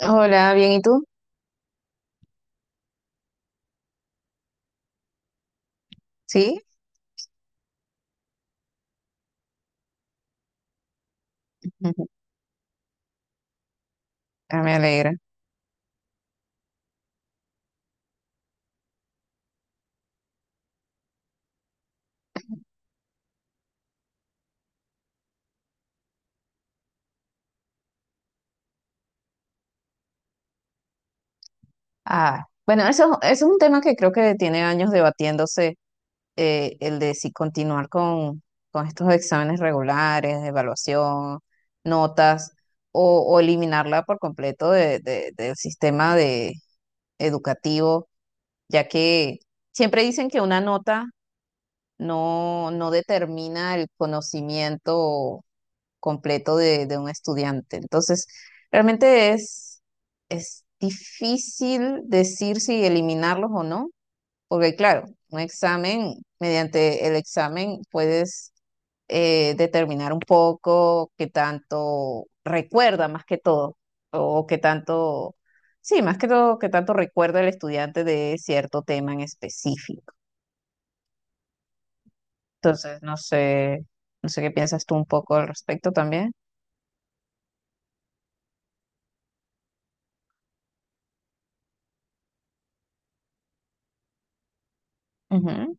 Hola, bien, ¿y tú? Sí. Ah, me alegra. Ah, bueno, eso es un tema que creo que tiene años debatiéndose, el de si continuar con estos exámenes regulares, evaluación, notas, o eliminarla por completo del sistema de, educativo, ya que siempre dicen que una nota no, no determina el conocimiento completo de un estudiante. Entonces, realmente es difícil decir si eliminarlos o no, porque claro, un examen, mediante el examen puedes determinar un poco qué tanto recuerda más que todo, o qué tanto, sí, más que todo, qué tanto recuerda el estudiante de cierto tema en específico. Entonces, no sé, no sé qué piensas tú un poco al respecto también. Ujú.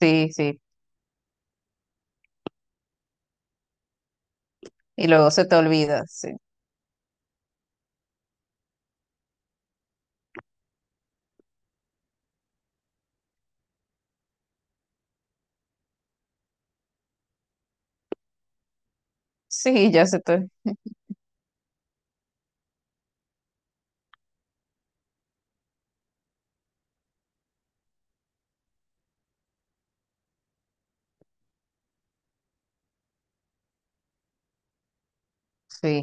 Sí, sí. Y luego se te olvida, sí. Sí, ya se te... Sí,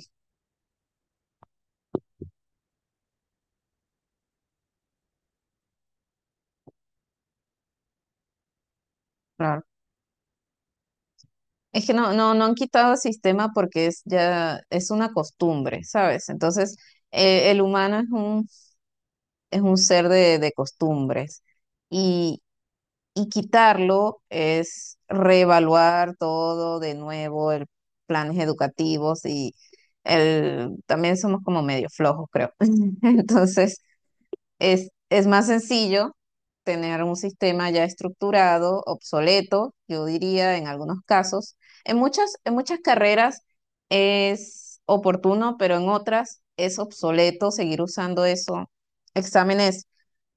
claro. Es que no, no, no han quitado el sistema porque es ya, es una costumbre, ¿sabes? Entonces, el humano es un ser de costumbres. Y, y quitarlo es reevaluar todo de nuevo, el planes educativos y el, también somos como medio flojos, creo. Entonces, es más sencillo tener un sistema ya estructurado, obsoleto, yo diría en algunos casos. En muchas carreras es oportuno, pero en otras es obsoleto seguir usando eso. Exámenes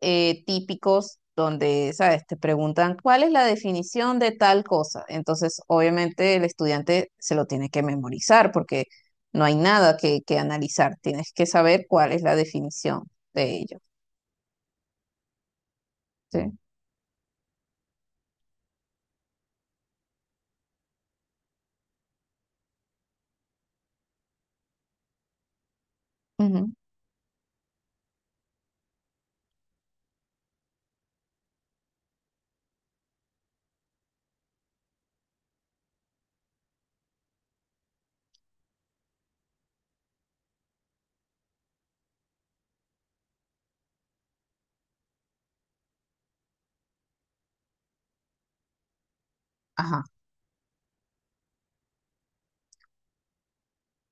típicos donde, ¿sabes? Te preguntan cuál es la definición de tal cosa. Entonces, obviamente el estudiante se lo tiene que memorizar porque no hay nada que, que analizar. Tienes que saber cuál es la definición de ello. Sí. Ujú. Ajá.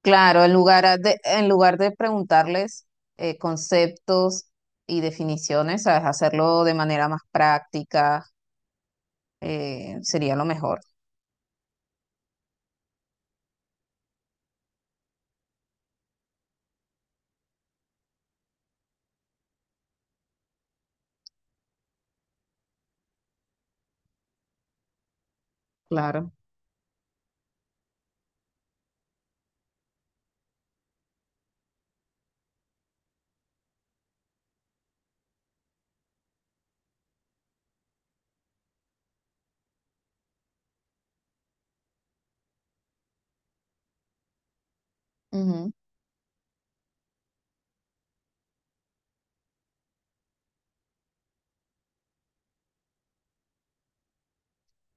Claro, en lugar de preguntarles conceptos y definiciones, ¿sabes? Hacerlo de manera más práctica sería lo mejor. Claro. Ujú.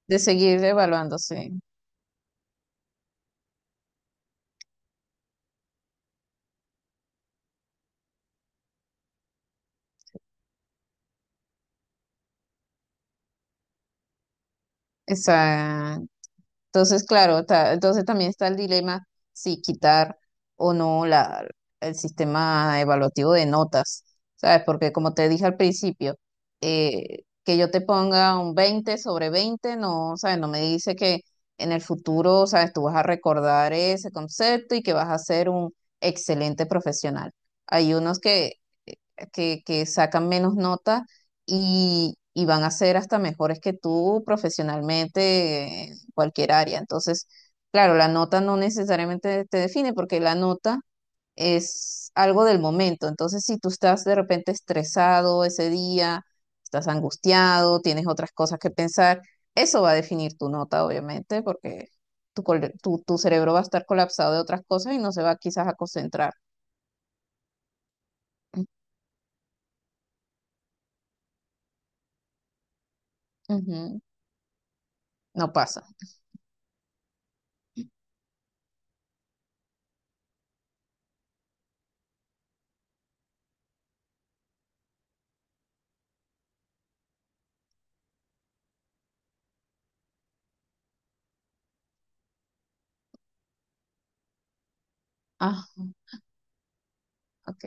De seguir evaluando, sí. Entonces, claro, entonces también está el dilema si quitar o no la, el sistema evaluativo de notas, ¿sabes? Porque como te dije al principio, que yo te ponga un 20 sobre 20 no, ¿sabes? No me dice que en el futuro, ¿sabes? Tú vas a recordar ese concepto y que vas a ser un excelente profesional. Hay unos que, que sacan menos notas y van a ser hasta mejores que tú profesionalmente cualquier área. Entonces, claro, la nota no necesariamente te define porque la nota es algo del momento. Entonces, si tú estás de repente estresado ese día, estás angustiado, tienes otras cosas que pensar, eso va a definir tu nota, obviamente, porque tu cerebro va a estar colapsado de otras cosas y no se va quizás a concentrar. Ujú. No pasa. Ah, ok.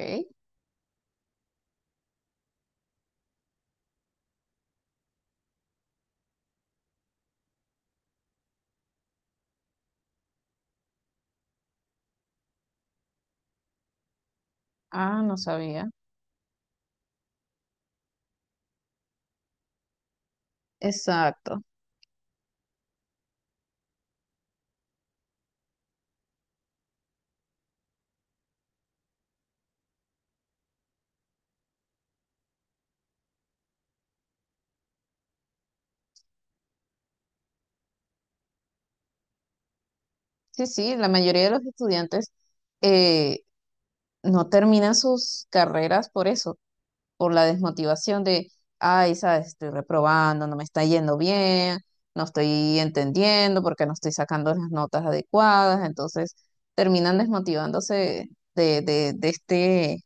Ah, no sabía. Exacto. Sí, sí, la mayoría de los estudiantes, eh, no terminan sus carreras por eso, por la desmotivación de, ay, sabes, estoy reprobando, no me está yendo bien, no estoy entendiendo porque no estoy sacando las notas adecuadas, entonces terminan desmotivándose de, de, de este,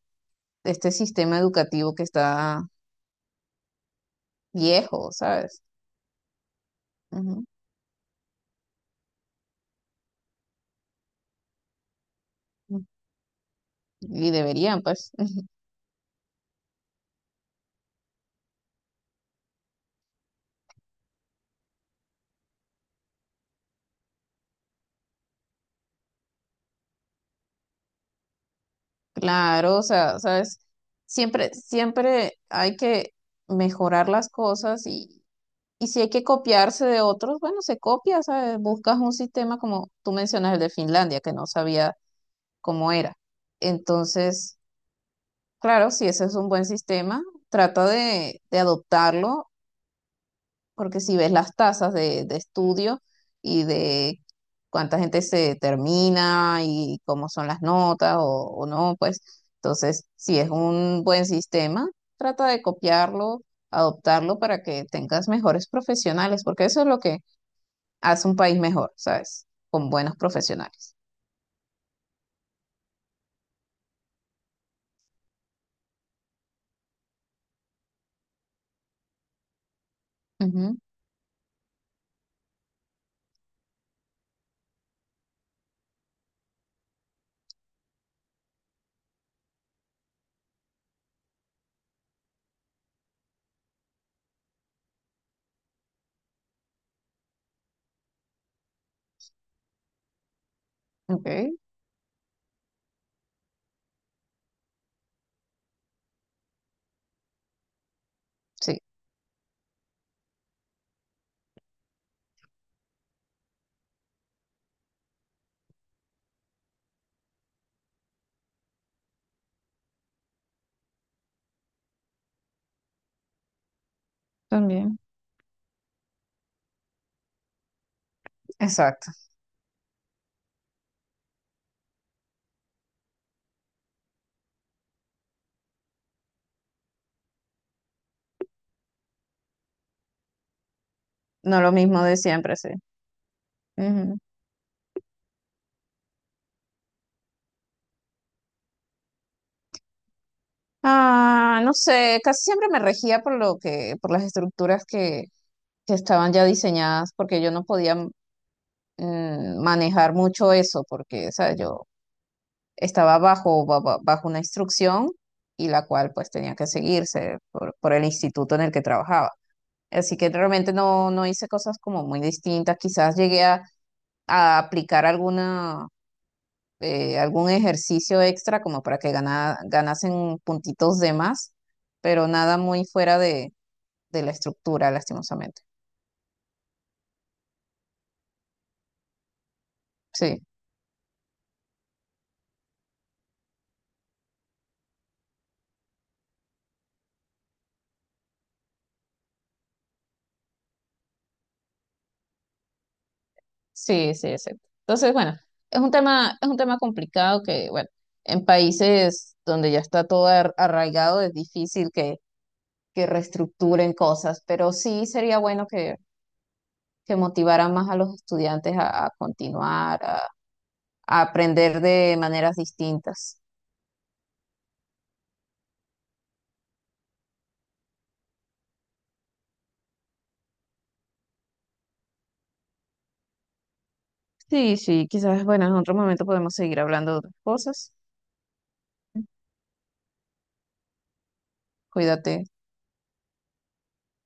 de este sistema educativo que está viejo, ¿sabes? Ujú. Y deberían, pues. Claro, o sea, sabes, siempre, siempre hay que mejorar las cosas y si hay que copiarse de otros, bueno, se copia, ¿sabes? Buscas un sistema como tú mencionas el de Finlandia, que no sabía cómo era. Entonces, claro, si ese es un buen sistema, trata de adoptarlo, porque si ves las tasas de estudio y de cuánta gente se termina y cómo son las notas o no, pues entonces, si es un buen sistema, trata de copiarlo adoptarlo para que tengas mejores profesionales, porque eso es lo que hace un país mejor, ¿sabes? Con buenos profesionales. Ujú. Ok, sí. También. Exacto. No lo mismo de siempre, sí. Ujú. Ah, no sé, casi siempre me regía por lo que, por las estructuras que estaban ya diseñadas, porque yo no podía manejar mucho eso, porque, o sea, yo estaba bajo, bajo una instrucción y la cual pues tenía que seguirse por el instituto en el que trabajaba. Así que realmente no, no hice cosas como muy distintas. Quizás llegué a aplicar alguna, algún ejercicio extra como para que ganasen puntitos de más, pero nada muy fuera de la estructura, lastimosamente. Sí, sí, sí, exacto. Entonces, bueno, es un tema complicado que, bueno, en países donde ya está todo arraigado es difícil que reestructuren cosas, pero sí sería bueno que motivaran más a los estudiantes a continuar, a aprender de maneras distintas. Sí, sí, quizás, bueno, en otro momento podemos seguir hablando de otras cosas. Cuídate.